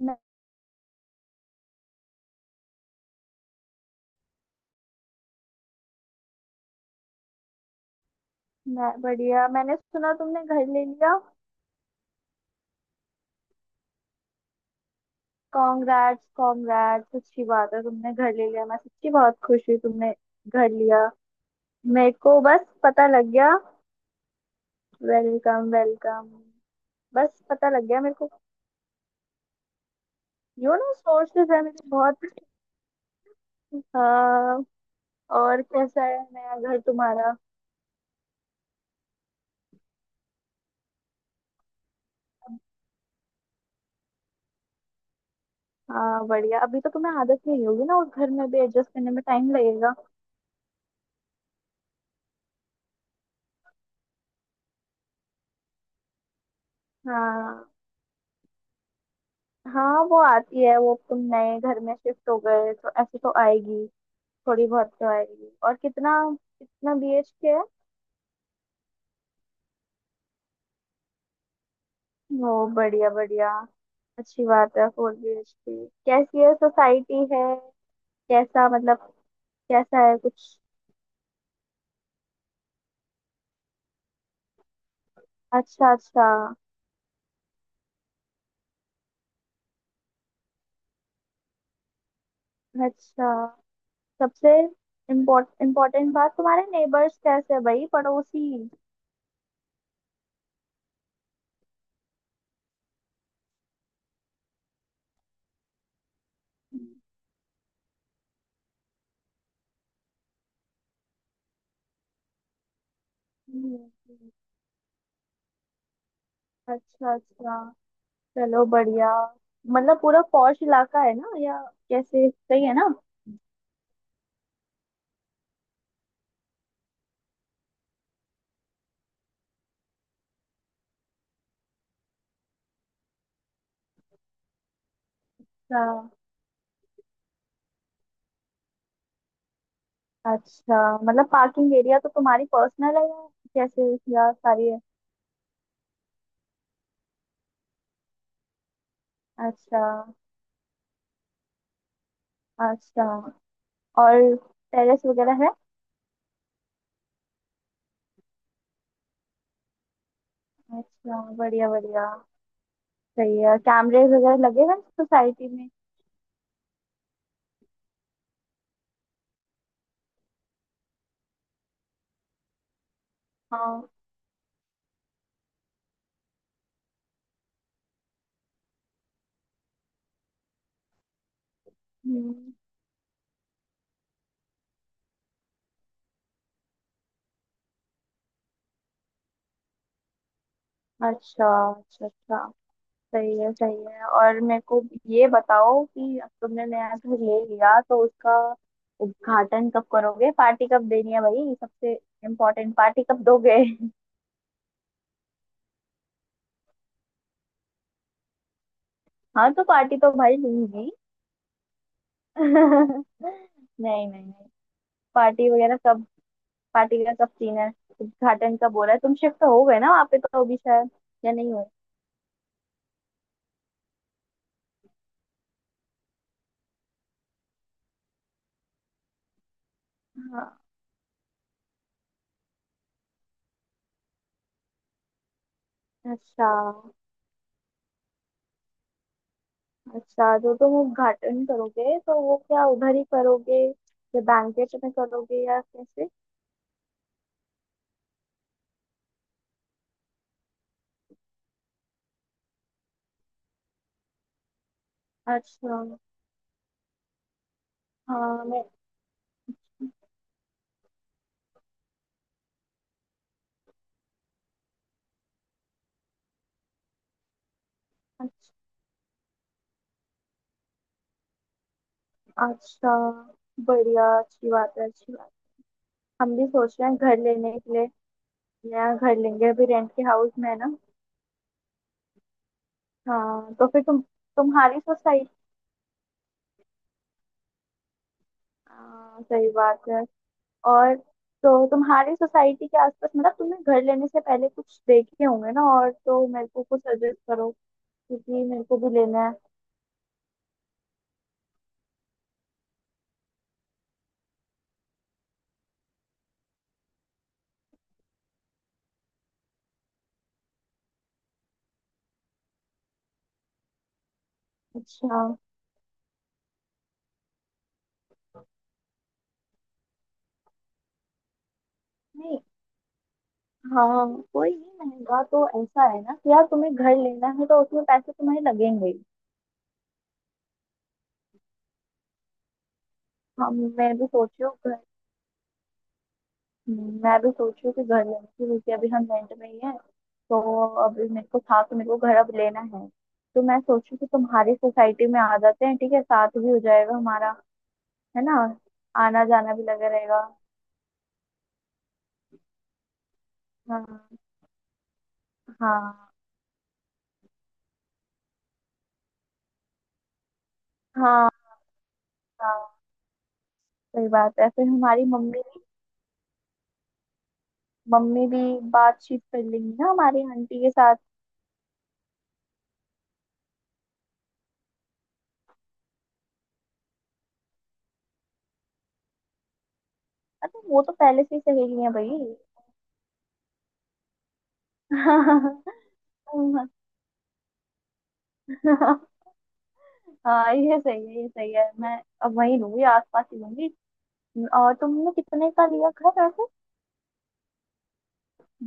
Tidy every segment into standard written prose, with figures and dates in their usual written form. मैं, मैं बढ़िया। मैंने सुना तुमने घर ले लिया, कॉन्ग्रेट्स कॉन्ग्रेट्स, अच्छी बात है, तुमने घर ले लिया, मैं सच्ची बहुत खुश हुई तुमने घर लिया। मेरे को बस पता लग गया। Welcome, welcome. बस पता लग गया मेरे को। सोर्सेस है मेरे बहुत। हाँ। और कैसा है नया घर तुम्हारा? हाँ बढ़िया, अभी तो तुम्हें आदत नहीं होगी ना, उस घर में भी एडजस्ट करने में टाइम लगेगा। हाँ। हाँ, वो आती है, वो तुम नए घर में शिफ्ट हो गए तो ऐसे तो आएगी, थोड़ी बहुत तो आएगी। और कितना कितना बीएचके है? ओ बढ़िया, बढ़िया, अच्छी बात है। 4 बीएचके, कैसी है, सोसाइटी है? कैसा मतलब? कैसा है कुछ? अच्छा, अच्छा। अच्छा। सबसे इम्पोर्टेंट बात, तुम्हारे नेबर्स कैसे है, भाई, पड़ोसी? हम्म। हम्म। अच्छा, अच्छा, चलो बढ़िया। मतलब पूरा पॉश इलाका है ना, या कैसे, सही है ना? अच्छा, अच्छा। मतलब पार्किंग एरिया तो तुम्हारी पर्सनल है या कैसे, या सारी है? अच्छा, अच्छा। और टेरेस वगैरह है? अच्छा, बढ़िया, बढ़िया। सही है। कैमरे वगैरह लगे हुए हैं सोसाइटी में? हाँ। हम्म। अच्छा, अच्छा, अच्छा। सही है, सही है। और मेरे को ये बताओ कि अब तुमने नया घर ले लिया तो उसका उद्घाटन कब करोगे? पार्टी कब देनी है भाई? सबसे इम्पोर्टेंट, पार्टी कब दोगे? हाँ, तो पार्टी तो भाई दूंगी। नहीं। नहीं, नहीं, पार्टी वगैरह सब, पार्टी का सब सीन है। उद्घाटन का बोला है, तुम शिफ्ट हो गए ना वहाँ पे तो अभी शायद, या नहीं हो। हाँ। अच्छा, अच्छा, जो तुम उद्घाटन करोगे तो वो क्या उधर ही करोगे या बैंकेट में करोगे, या कैसे? अच्छा। हाँ। मैं अच्छा, अच्छा, बढ़िया, अच्छी बात है, अच्छी बात। हम भी सोच रहे हैं घर लेने के लिए, नया घर लेंगे, अभी रेंट के हाउस में है ना। हाँ, तो फिर तुम्हारी सोसाइटी। हाँ, सही बात है। और तो तुम्हारी सोसाइटी के आसपास, मतलब तुमने घर लेने से पहले कुछ देखे होंगे ना, और तो मेरे को कुछ सजेस्ट करो क्योंकि मेरे को भी लेना है। अच्छा। नहीं। हाँ, कोई नहीं, महंगा तो ऐसा है ना कि यार तुम्हें घर लेना है तो उसमें पैसे तुम्हें लगेंगे ही। हाँ, मैं भी सोच रही हूँ घर। मैं भी सोच रही हूँ कि घर लेने की, क्योंकि अभी हम रेंट में ही हैं तो। अभी मेरे को था कि मेरे को घर अब लेना है, तो मैं सोचू कि तुम्हारी सोसाइटी में आ जाते हैं, ठीक है, साथ भी हो जाएगा हमारा, है ना, आना जाना भी लगा रहेगा। हाँ, हाँ। हाँ, हाँ, सही बात है, फिर हमारी मम्मी भी बातचीत कर लेंगी ना हमारी आंटी के साथ। अरे, वो तो पहले से ही सहेली है भाई। हाँ, ये सही है, ये सही है। मैं अब वही लूंगी, आसपास ही लूंगी। और तुमने कितने का लिया घर वैसे?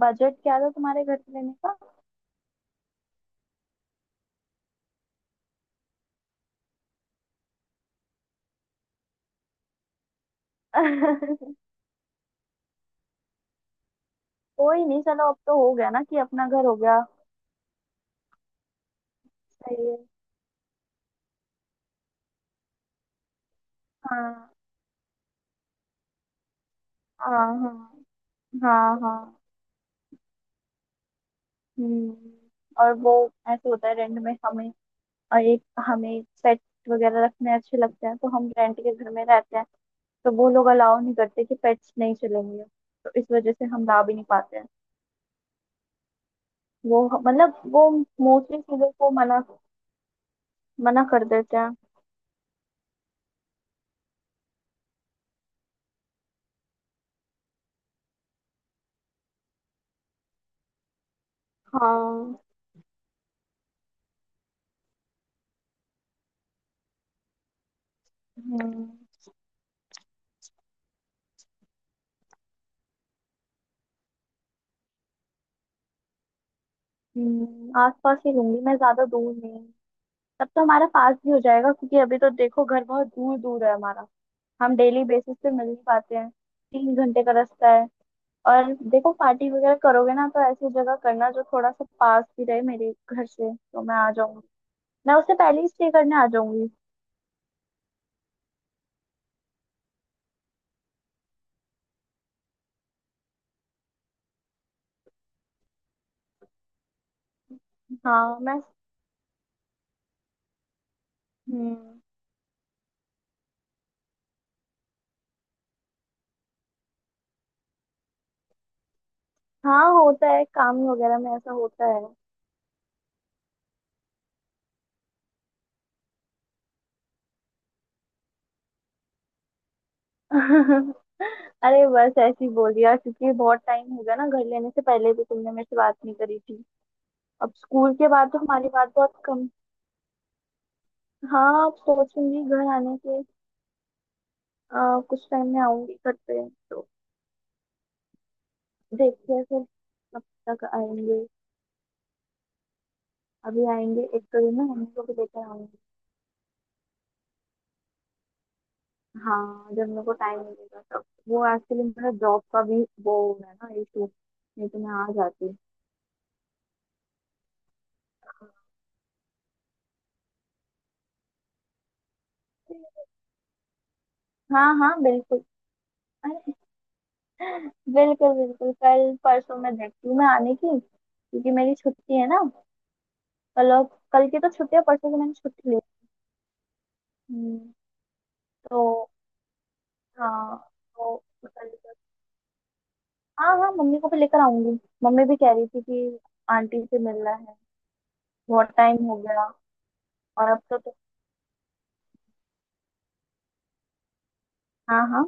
बजट क्या था तुम्हारे घर लेने का? कोई नहीं, चलो अब तो हो गया ना कि अपना घर हो गया। सही है। हाँ, हाँ, हाँ, हाँ, हाँ। हम्म। और वो, ऐसे होता है रेंट में हमें, और एक हमें पेट वगैरह रखने अच्छे लगते हैं तो हम रेंट के घर में रहते हैं तो वो लोग अलाउ नहीं करते कि पेट्स नहीं चलेंगे, तो इस वजह से हम ला भी नहीं पाते हैं। वो, मतलब वो मोस्टली चीजों को मना मना कर देते हैं। हाँ। हम्म। हम्म, आसपास ही लूंगी मैं, ज्यादा दूर नहीं। तब तो हमारा पास भी हो जाएगा, क्योंकि अभी तो देखो घर बहुत दूर दूर है हमारा, हम डेली बेसिस पे मिल नहीं पाते हैं, 3 घंटे का रास्ता है। और देखो, पार्टी वगैरह करोगे ना तो ऐसी जगह करना जो थोड़ा सा पास भी रहे मेरे घर से, तो मैं आ जाऊंगी, मैं उससे पहले ही स्टे करने आ जाऊंगी। हाँ। मैं हम्म। हाँ, होता है, काम वगैरह में ऐसा होता है। अरे, बस ऐसे ही बोल दिया क्योंकि बहुत टाइम हो गया ना, घर लेने से पहले भी तुमने मेरे से बात नहीं करी थी, अब स्कूल के बाद तो हमारी बात बहुत कम। हाँ, अब सोचूंगी घर आने के, कुछ टाइम में आऊंगी घर पे तो, देखते हैं फिर कब तक आएंगे, अभी आएंगे, एक तो ये ना, हम लोग को लेकर आएंगे। हाँ, जब मेरे को टाइम मिलेगा तब। वो एक्चुअली मेरा जॉब का भी वो हो रहा है ना इशू, नहीं तो मैं आ जाती। हाँ, हाँ, बिल्कुल। अरे, बिल्कुल, बिल्कुल, कल परसों मैं देखती हूँ मैं आने की, क्योंकि मेरी छुट्टी है ना कल। और कल की तो छुट्टी है, परसों की मैंने छुट्टी ली। हम्म। तो। हाँ, तो कल तक-। हाँ, हाँ, मम्मी को भी लेकर आऊंगी, मम्मी भी कह रही थी कि आंटी से मिलना है, बहुत टाइम हो गया। और अब तो हाँ, हाँ।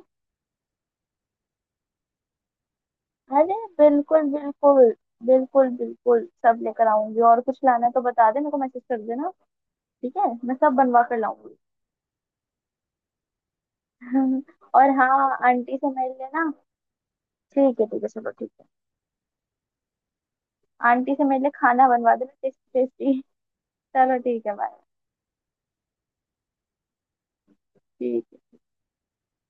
अरे, बिल्कुल, बिल्कुल, बिल्कुल, बिल्कुल सब लेकर आऊंगी, और कुछ लाना है तो बता दे, मेरे को मैसेज कर देना, ठीक है, मैं सब बनवा कर लाऊंगी। और हाँ, आंटी से मिल लेना, ठीक है, ठीक है, चलो ठीक है। आंटी से मेरे लिए खाना बनवा देना, टेस्टी टेस्टी। चलो ठीक है, बाय। ठीक है।